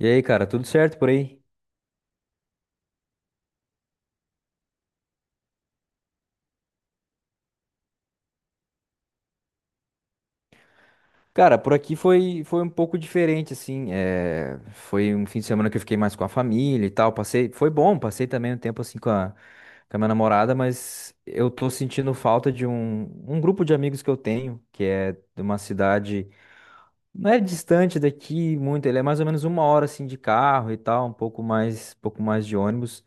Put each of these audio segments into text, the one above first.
E aí, cara, tudo certo por aí? Cara, por aqui foi um pouco diferente, assim. É, foi um fim de semana que eu fiquei mais com a família e tal. Passei, foi bom, passei também um tempo assim com a minha namorada, mas eu tô sentindo falta de um grupo de amigos que eu tenho, que é de uma cidade, não é distante daqui muito, ele é mais ou menos uma hora assim de carro e tal, um pouco mais de ônibus.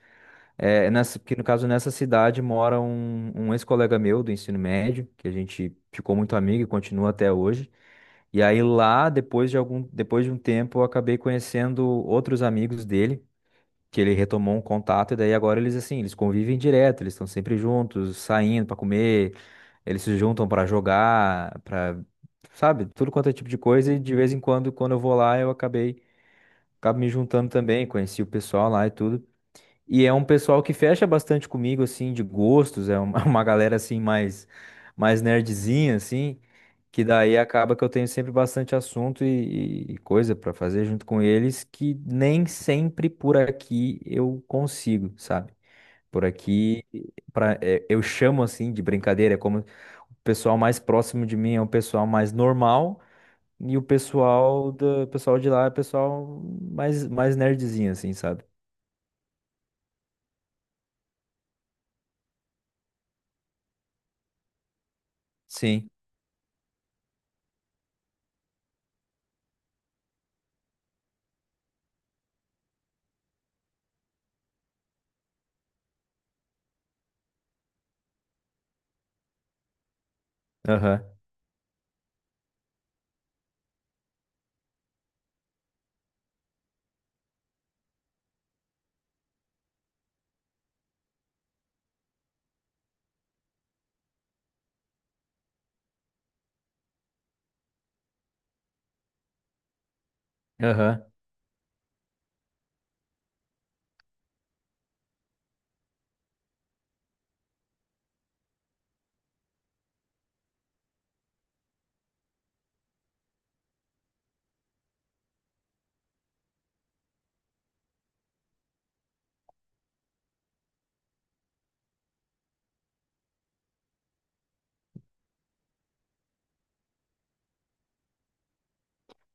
É, nessa, porque no caso, nessa cidade mora um ex-colega meu do ensino médio, que a gente ficou muito amigo e continua até hoje. E aí lá, depois de um tempo, eu acabei conhecendo outros amigos dele, que ele retomou um contato, e daí agora eles assim, eles convivem direto, eles estão sempre juntos, saindo para comer, eles se juntam para jogar, para, sabe, tudo quanto é tipo de coisa, e de vez em quando, quando eu vou lá, acabo me juntando também, conheci o pessoal lá e tudo. E é um pessoal que fecha bastante comigo, assim, de gostos, é uma, uma galera, assim, mais nerdzinha, assim, que daí acaba que eu tenho sempre bastante assunto e coisa pra fazer junto com eles, que nem sempre por aqui eu consigo, sabe? Por aqui, pra, é, eu chamo, assim, de brincadeira, é como o pessoal mais próximo de mim é o pessoal mais normal, e o pessoal de lá é o pessoal mais nerdzinho, assim, sabe? Sim. Aham. Aham.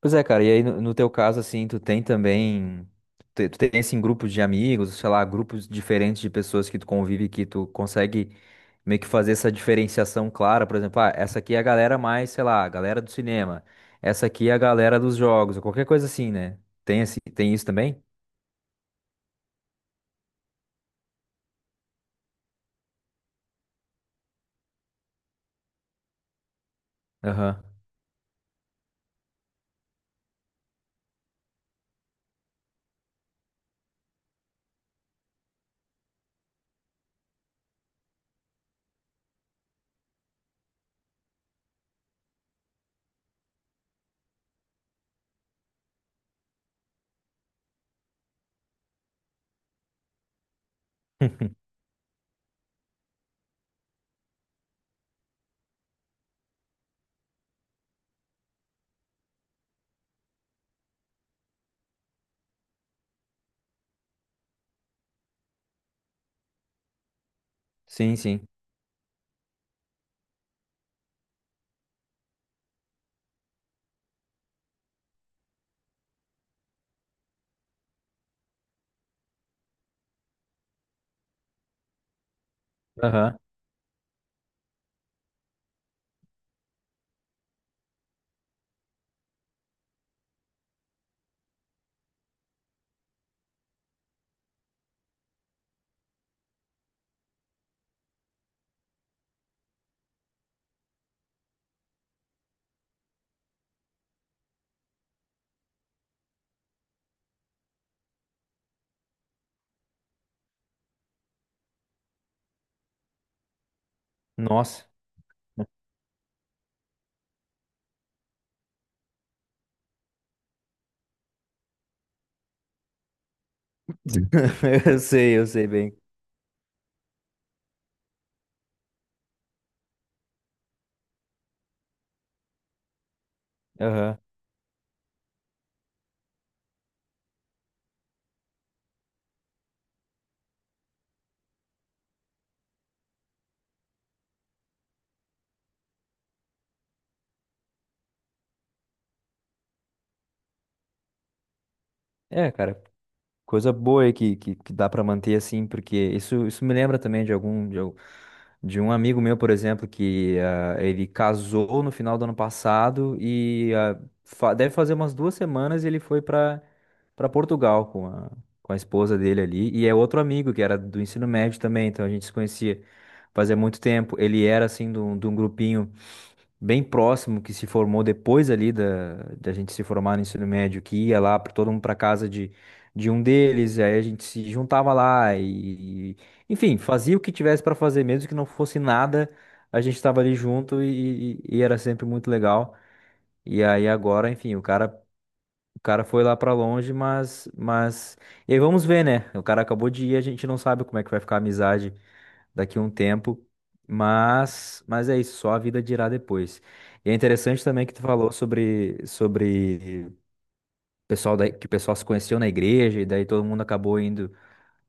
Pois é, cara, e aí no teu caso, assim, tu tem também, tu tem, assim, grupos de amigos, sei lá, grupos diferentes de pessoas que tu convive, que tu consegue meio que fazer essa diferenciação clara, por exemplo, ah, essa aqui é a galera mais, sei lá, a galera do cinema, essa aqui é a galera dos jogos, ou qualquer coisa assim, né? Tem, assim, tem isso também? Aham. Sim, sim. Aham. Nossa. Eu sei bem. Aham. É, cara. Coisa boa aí que dá para manter assim, porque isso me lembra também de algum de, al- de um amigo meu, por exemplo, que ah, ele casou no final do ano passado e ah, deve fazer umas duas semanas ele foi para Portugal com a esposa dele ali. E é outro amigo que era do ensino médio também, então a gente se conhecia fazia muito tempo. Ele era assim de um grupinho bem próximo que se formou depois ali da gente se formar no ensino médio, que ia lá para todo mundo para casa de um deles, e aí a gente se juntava lá e, enfim, fazia o que tivesse para fazer, mesmo que não fosse nada, a gente estava ali junto e, e era sempre muito legal. E aí agora, enfim, o cara foi lá para longe, e aí vamos ver, né? O cara acabou de ir, a gente não sabe como é que vai ficar a amizade daqui a um tempo, mas é isso, só a vida dirá depois. E é interessante também que tu falou sobre pessoal da, que o pessoal se conheceu na igreja e daí todo mundo acabou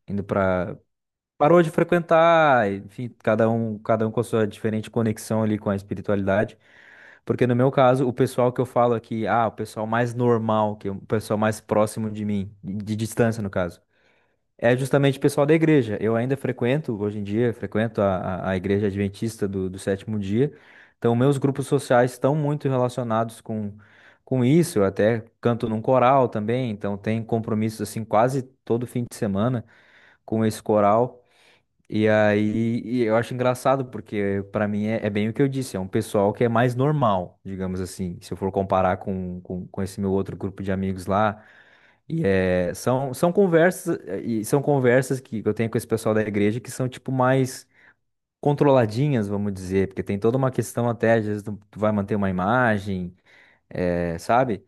indo para parou de frequentar, enfim, cada um com a sua diferente conexão ali com a espiritualidade. Porque no meu caso, o pessoal que eu falo aqui, ah, o pessoal mais normal, que é o pessoal mais próximo de mim, de distância no caso é justamente o pessoal da igreja. Eu ainda frequento, hoje em dia, frequento a igreja adventista do sétimo dia. Então, meus grupos sociais estão muito relacionados com isso. Eu até canto num coral também, então tem compromissos assim quase todo fim de semana com esse coral. E aí, e eu acho engraçado, porque pra mim é bem o que eu disse, é um pessoal que é mais normal, digamos assim, se eu for comparar com esse meu outro grupo de amigos lá. E é, são conversas, eh, e são conversas que eu tenho com esse pessoal da igreja que são, tipo, mais controladinhas, vamos dizer, porque tem toda uma questão até, às vezes tu vai manter uma imagem, eh, sabe?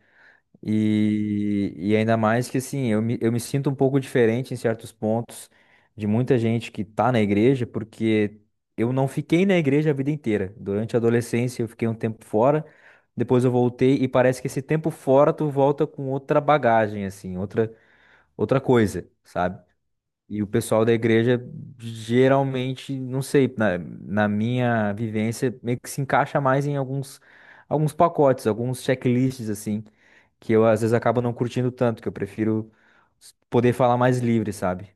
E ainda mais que assim, eu me sinto um pouco diferente em certos pontos de muita gente que tá na igreja, porque eu não fiquei na igreja a vida inteira. Durante a adolescência eu fiquei um tempo fora, depois eu voltei e parece que esse tempo fora tu volta com outra bagagem, assim, outra, outra coisa, sabe? E o pessoal da igreja geralmente, não sei, na minha vivência, meio que se encaixa mais em alguns, alguns pacotes, alguns checklists, assim que eu às vezes acabo não curtindo tanto, que eu prefiro poder falar mais livre, sabe?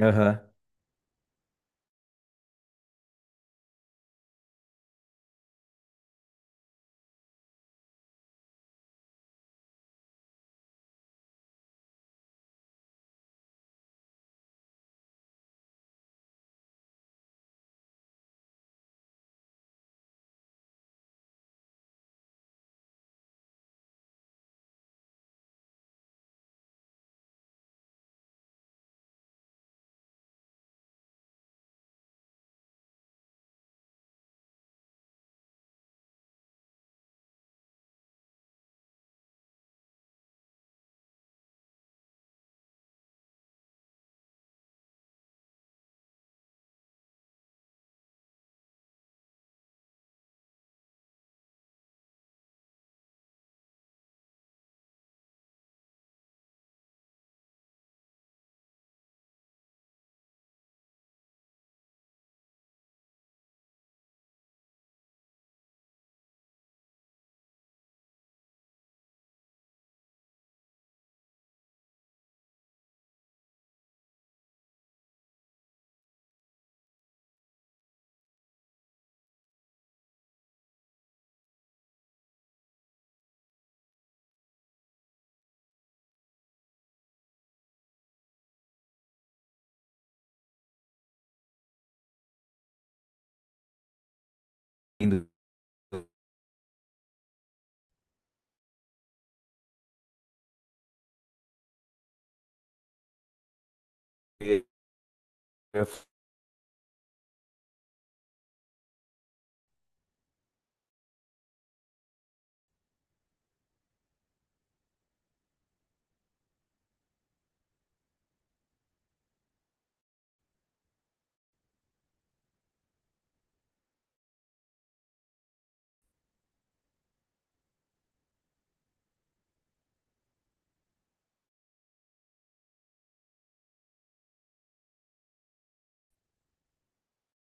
Aham. Indo- Eu ia